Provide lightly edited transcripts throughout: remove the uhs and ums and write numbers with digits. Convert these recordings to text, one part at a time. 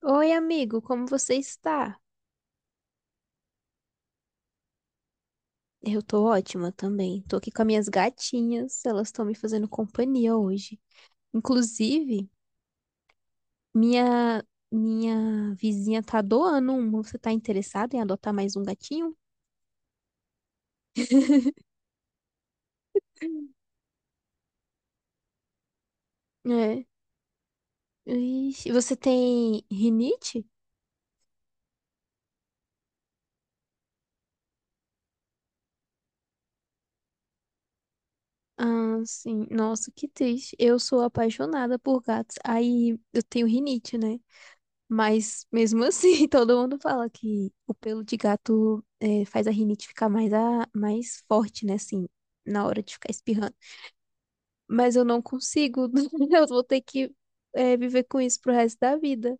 Oi, amigo, como você está? Eu tô ótima também. Tô aqui com as minhas gatinhas, elas estão me fazendo companhia hoje. Inclusive, minha minha vizinha tá doando uma. Você tá interessado em adotar mais um gatinho? É. Ixi, você tem rinite? Ah, sim. Nossa, que triste. Eu sou apaixonada por gatos. Aí eu tenho rinite, né? Mas mesmo assim, todo mundo fala que o pelo de gato é, faz a rinite ficar mais, mais forte, né? Assim, na hora de ficar espirrando. Mas eu não consigo. Eu vou ter que viver com isso pro resto da vida.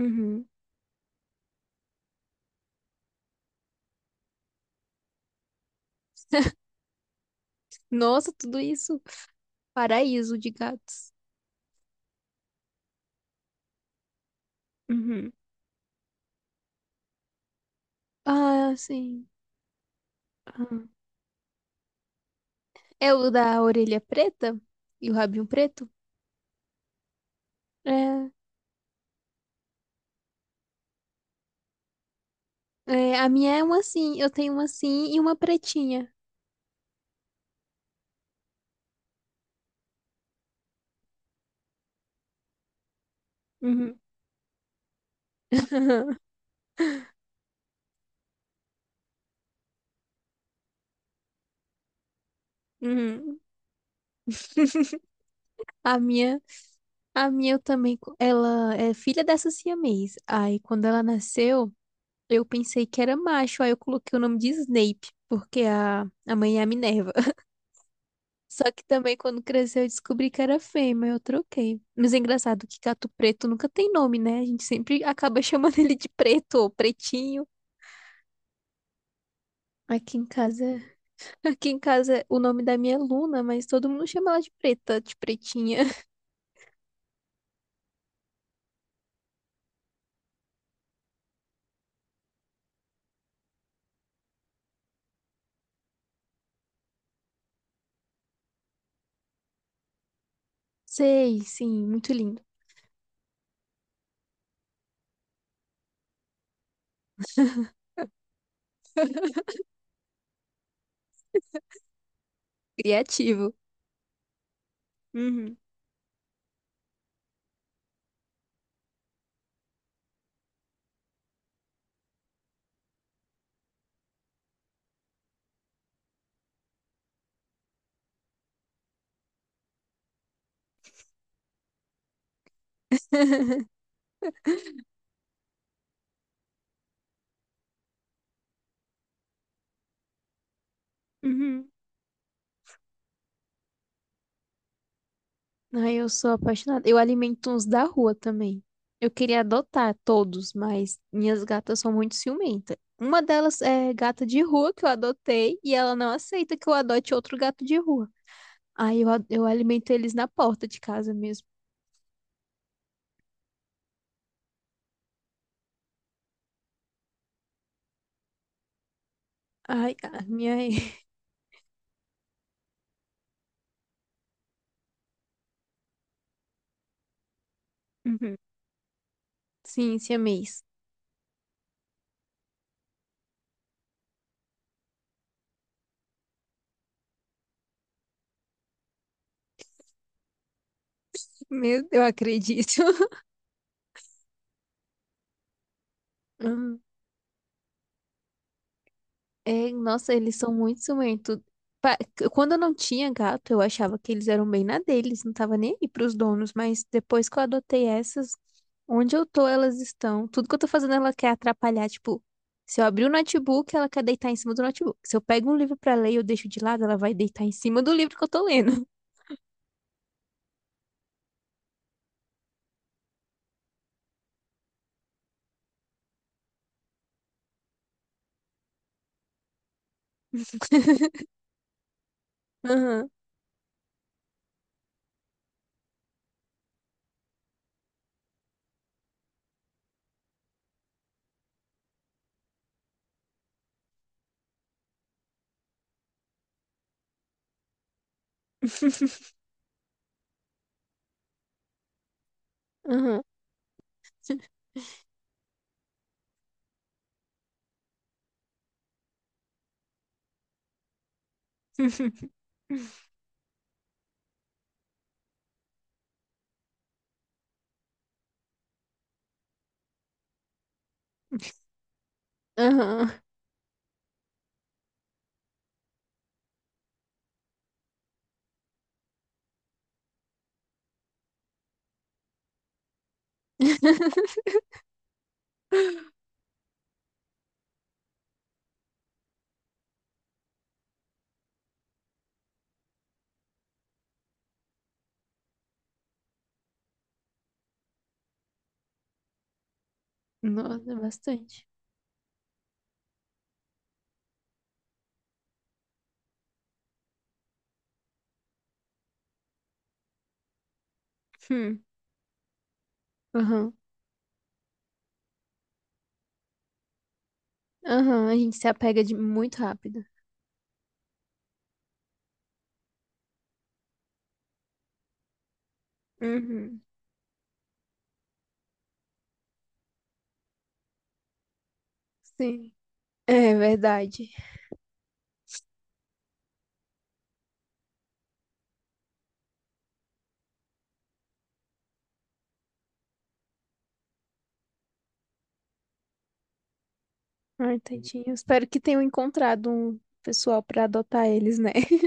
Uhum. Nossa, tudo isso. Paraíso de gatos. Uhum. Ah, sim. Aham. É o da orelha preta e o rabinho preto? É. É, a minha é uma assim. Eu tenho uma assim e uma pretinha. Uhum. Uhum. A minha. A minha eu também, ela é filha dessa siamês. Aí quando ela nasceu, eu pensei que era macho, aí eu coloquei o nome de Snape, porque a mãe é a Minerva. Só que também quando cresceu eu descobri que era fêmea, eu troquei. Mas é engraçado que gato preto nunca tem nome, né? A gente sempre acaba chamando ele de preto ou pretinho. Aqui em casa, aqui em casa o nome da minha é Luna, mas todo mundo chama ela de preta, de pretinha. Sei, sim, muito lindo. Criativo. Uhum. Uhum. Ai, eu sou apaixonada. Eu alimento uns da rua também. Eu queria adotar todos, mas minhas gatas são muito ciumentas. Uma delas é gata de rua que eu adotei e ela não aceita que eu adote outro gato de rua. Aí eu, eu alimento eles na porta de casa mesmo. Ai, a minha. Uhum. Sim, siamês. Meu, eu acredito. É, nossa, eles são muito ciumentos. Pa- Quando eu não tinha gato, eu achava que eles eram bem na deles, não tava nem aí pros donos, mas depois que eu adotei essas, onde eu tô, elas estão. Tudo que eu tô fazendo, ela quer atrapalhar. Tipo, se eu abrir o notebook, ela quer deitar em cima do notebook. Se eu pego um livro pra ler e eu deixo de lado, ela vai deitar em cima do livro que eu tô lendo. Aham, aham, aham. Nossa, bastante. Hum. Aham, aham. A gente se apega de muito rápido. Uhum. Sim, é verdade. Ai, tadinho. Espero que tenham encontrado um pessoal pra adotar eles, né?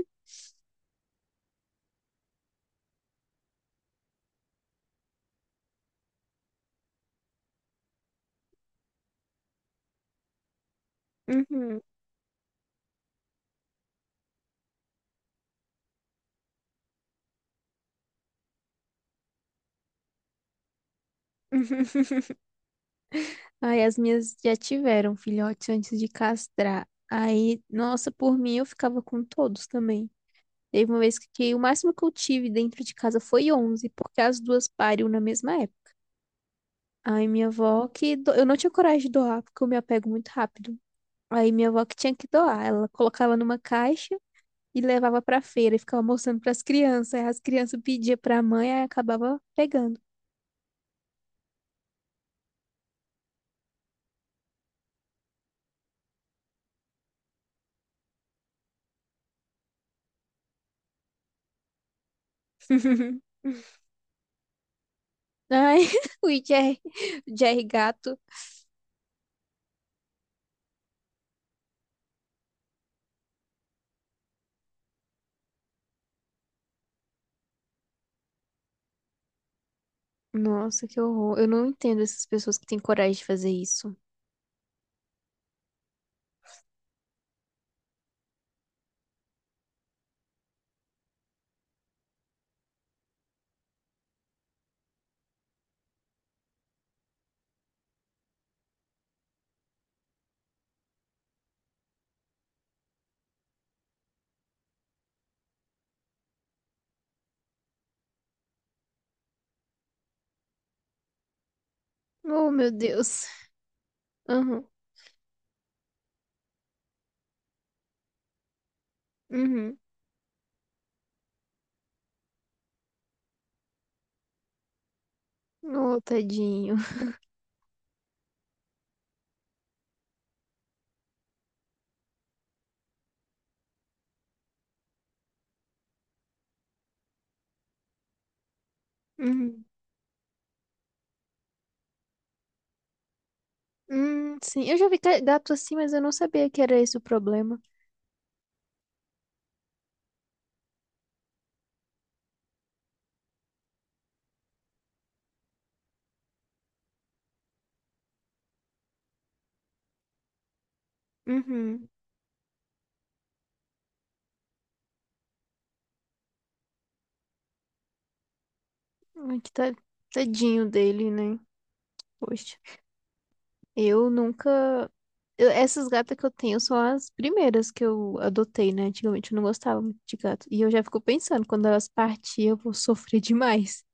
Uhum. Ai, as minhas já tiveram filhotes antes de castrar. Aí, nossa, por mim eu ficava com todos também. Teve uma vez que o máximo que eu tive dentro de casa foi 11 porque as duas pariam na mesma época. Aí minha avó que eu não tinha coragem de doar, porque eu me apego muito rápido. Aí minha avó que tinha que doar, ela colocava numa caixa e levava pra feira e ficava mostrando pras crianças. Aí as crianças pediam pra mãe, aí acabava pegando. Ai, o Jerry, o Jerry Gato. Nossa, que horror. Eu não entendo essas pessoas que têm coragem de fazer isso. Oh, meu Deus. Uhum, uhum. Oh, tadinho. Uhum. Sim, eu já vi gato assim, mas eu não sabia que era esse o problema. Uhum. Ai, que tadinho dele, né? Poxa, eu nunca eu- essas gatas que eu tenho são as primeiras que eu adotei, né? Antigamente eu não gostava muito de gato. E eu já fico pensando, quando elas partirem, eu vou sofrer demais.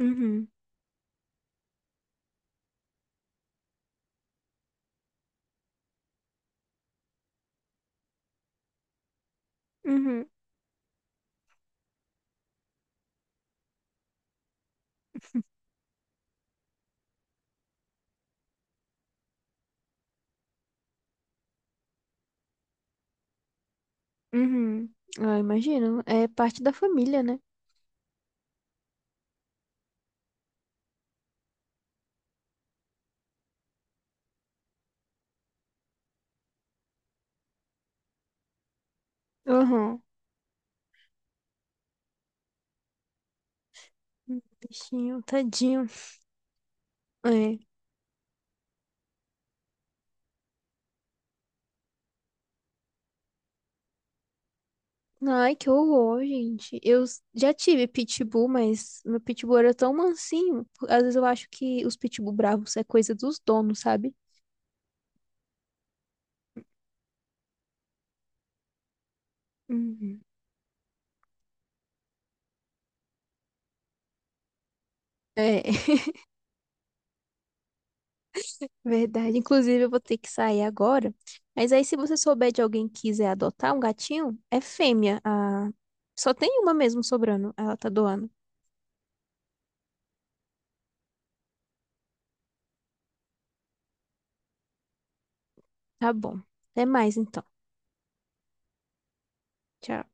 Uhum, uhum, uhum. Ah, imagino. É parte da família, né? Uhum. Bichinho, tadinho. É. Ai, que horror, gente. Já tive pitbull, mas meu pitbull era tão mansinho. Às vezes eu acho que os pitbull bravos é coisa dos donos, sabe? Uhum. É. Verdade. Inclusive, eu vou ter que sair agora. Mas aí, se você souber de alguém que quiser adotar um gatinho, é fêmea. A... Só tem uma mesmo sobrando. Ela tá doando. Tá bom. Até mais, então. Tchau.